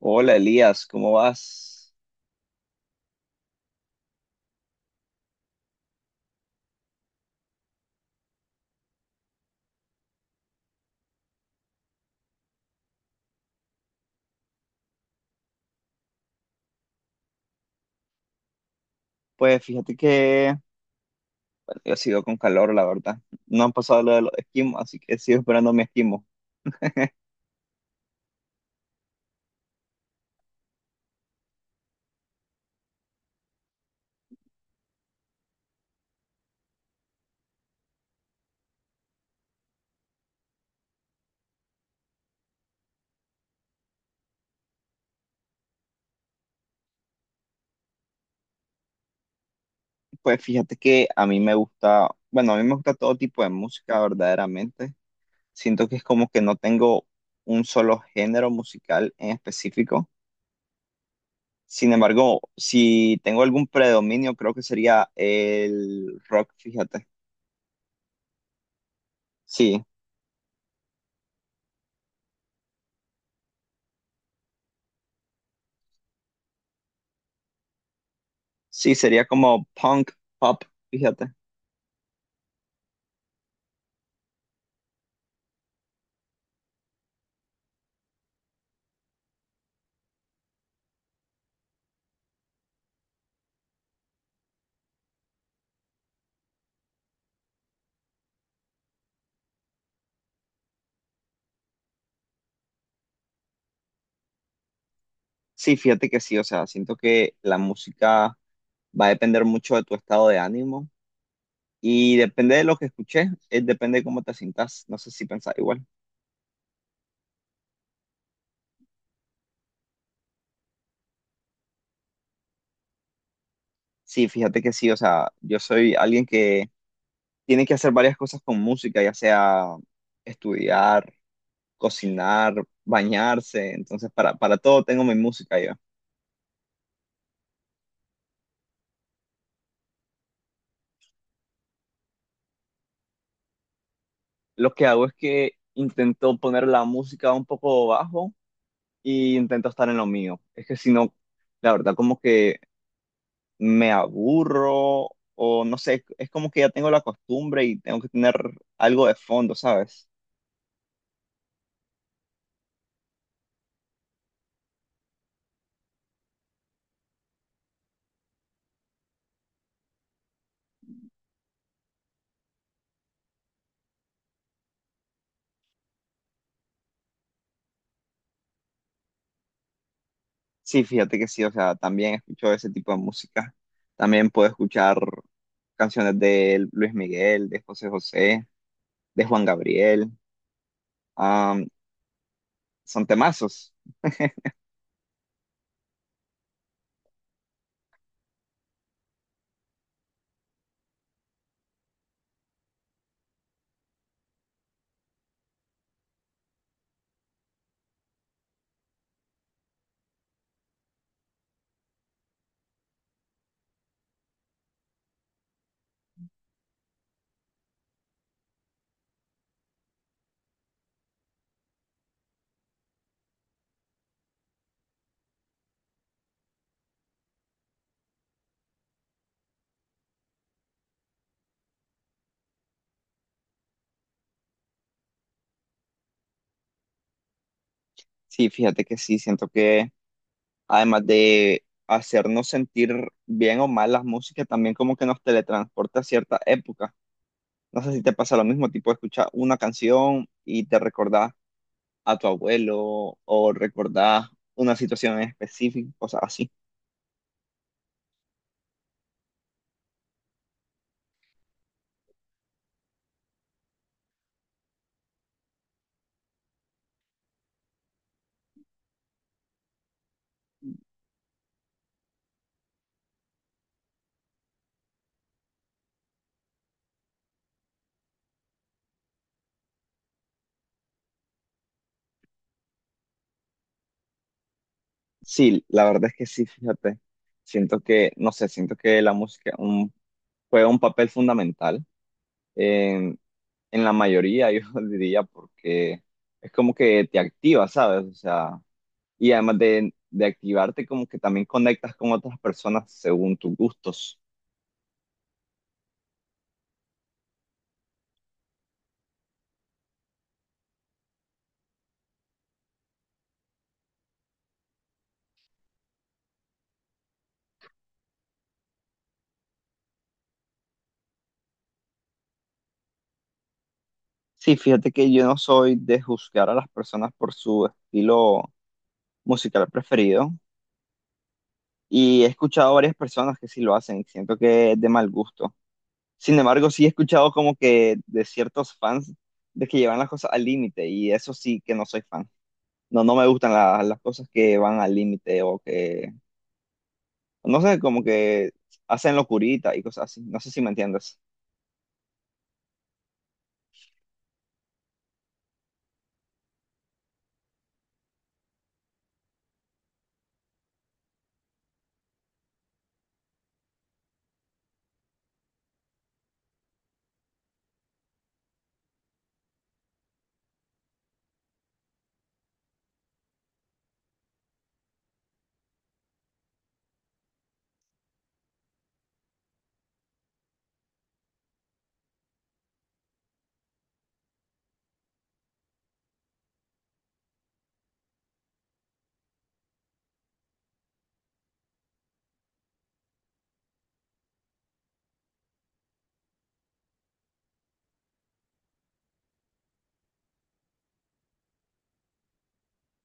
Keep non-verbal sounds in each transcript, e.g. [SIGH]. Hola Elías, ¿cómo vas? Pues fíjate que bueno, yo sigo con calor, la verdad. No han pasado lo de los esquimos, así que sigo esperando mi esquimo. Pues fíjate que a mí me gusta, bueno, a mí me gusta todo tipo de música, verdaderamente. Siento que es como que no tengo un solo género musical en específico. Sin embargo, si tengo algún predominio, creo que sería el rock, fíjate. Sí, sí, sería como punk, pop, fíjate. Sí, fíjate que sí, o sea, siento que la música va a depender mucho de tu estado de ánimo y depende de lo que escuches, depende de cómo te sientas, no sé si pensás igual. Sí, fíjate que sí, o sea, yo soy alguien que tiene que hacer varias cosas con música, ya sea estudiar, cocinar, bañarse, entonces para todo tengo mi música yo. Lo que hago es que intento poner la música un poco bajo y intento estar en lo mío. Es que si no, la verdad como que me aburro o no sé, es como que ya tengo la costumbre y tengo que tener algo de fondo, ¿sabes? Sí, fíjate que sí, o sea, también escucho ese tipo de música. También puedo escuchar canciones de Luis Miguel, de José José, de Juan Gabriel. am, Son temazos. Sí, fíjate que sí, siento que además de hacernos sentir bien o mal las músicas, también como que nos teletransporta a cierta época. No sé si te pasa lo mismo, tipo escuchar una canción y te recordás a tu abuelo o recordás una situación en específico, cosas así. Sí, la verdad es que sí, fíjate. Siento que, no sé, siento que juega un papel fundamental en, en la mayoría, [LAUGHS] yo diría, porque es como que te activa, ¿sabes? O sea, y además de activarte, como que también conectas con otras personas según tus gustos. Sí, fíjate que yo no soy de juzgar a las personas por su estilo musical preferido y he escuchado a varias personas que sí lo hacen y siento que es de mal gusto. Sin embargo, sí he escuchado como que de ciertos fans de que llevan las cosas al límite y eso sí que no soy fan. No, no me gustan las cosas que van al límite o que, no sé, como que hacen locurita y cosas así. No sé si me entiendes.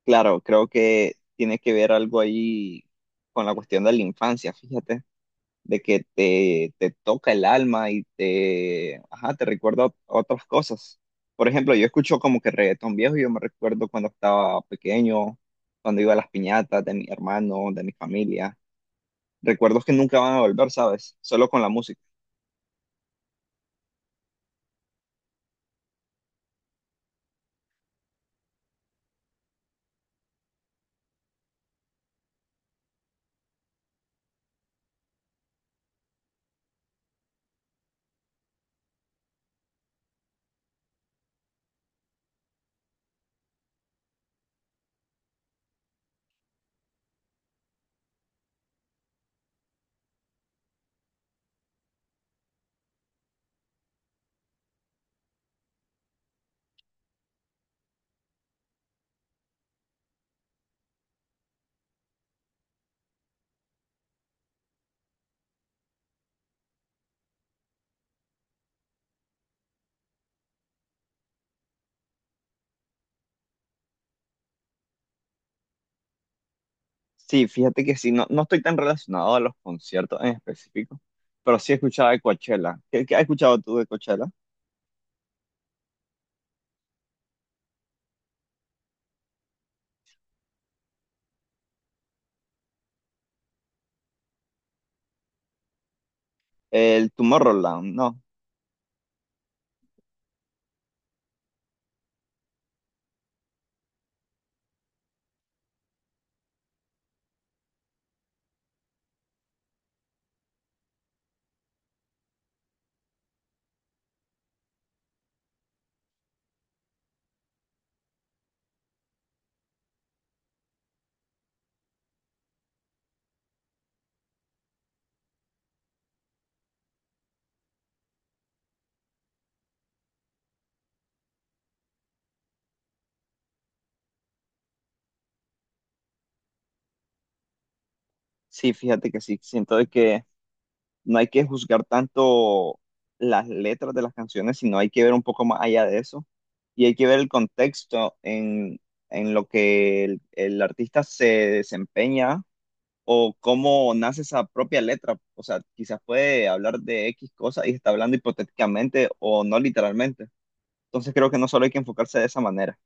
Claro, creo que tiene que ver algo ahí con la cuestión de la infancia, fíjate. De que te toca el alma y te, ajá, te recuerda otras cosas. Por ejemplo, yo escucho como que reggaetón viejo, y yo me recuerdo cuando estaba pequeño, cuando iba a las piñatas de mi hermano, de mi familia. Recuerdos que nunca van a volver, ¿sabes? Solo con la música. Sí, fíjate que sí, no, no estoy tan relacionado a los conciertos en específico, pero sí escuchaba de Coachella. ¿Qué has escuchado tú de Coachella? El Tomorrowland, ¿no? Sí, fíjate que sí, siento de que no hay que juzgar tanto las letras de las canciones, sino hay que ver un poco más allá de eso y hay que ver el contexto en lo que el artista se desempeña o cómo nace esa propia letra. O sea, quizás puede hablar de X cosa y está hablando hipotéticamente o no literalmente. Entonces creo que no solo hay que enfocarse de esa manera.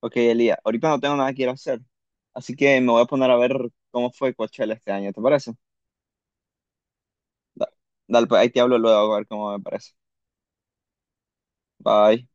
Ok, Elías, ahorita no tengo nada que ir a hacer, así que me voy a poner a ver cómo fue Coachella este año, ¿te parece? Da- Dale, pues ahí te hablo luego a ver cómo me parece. Bye.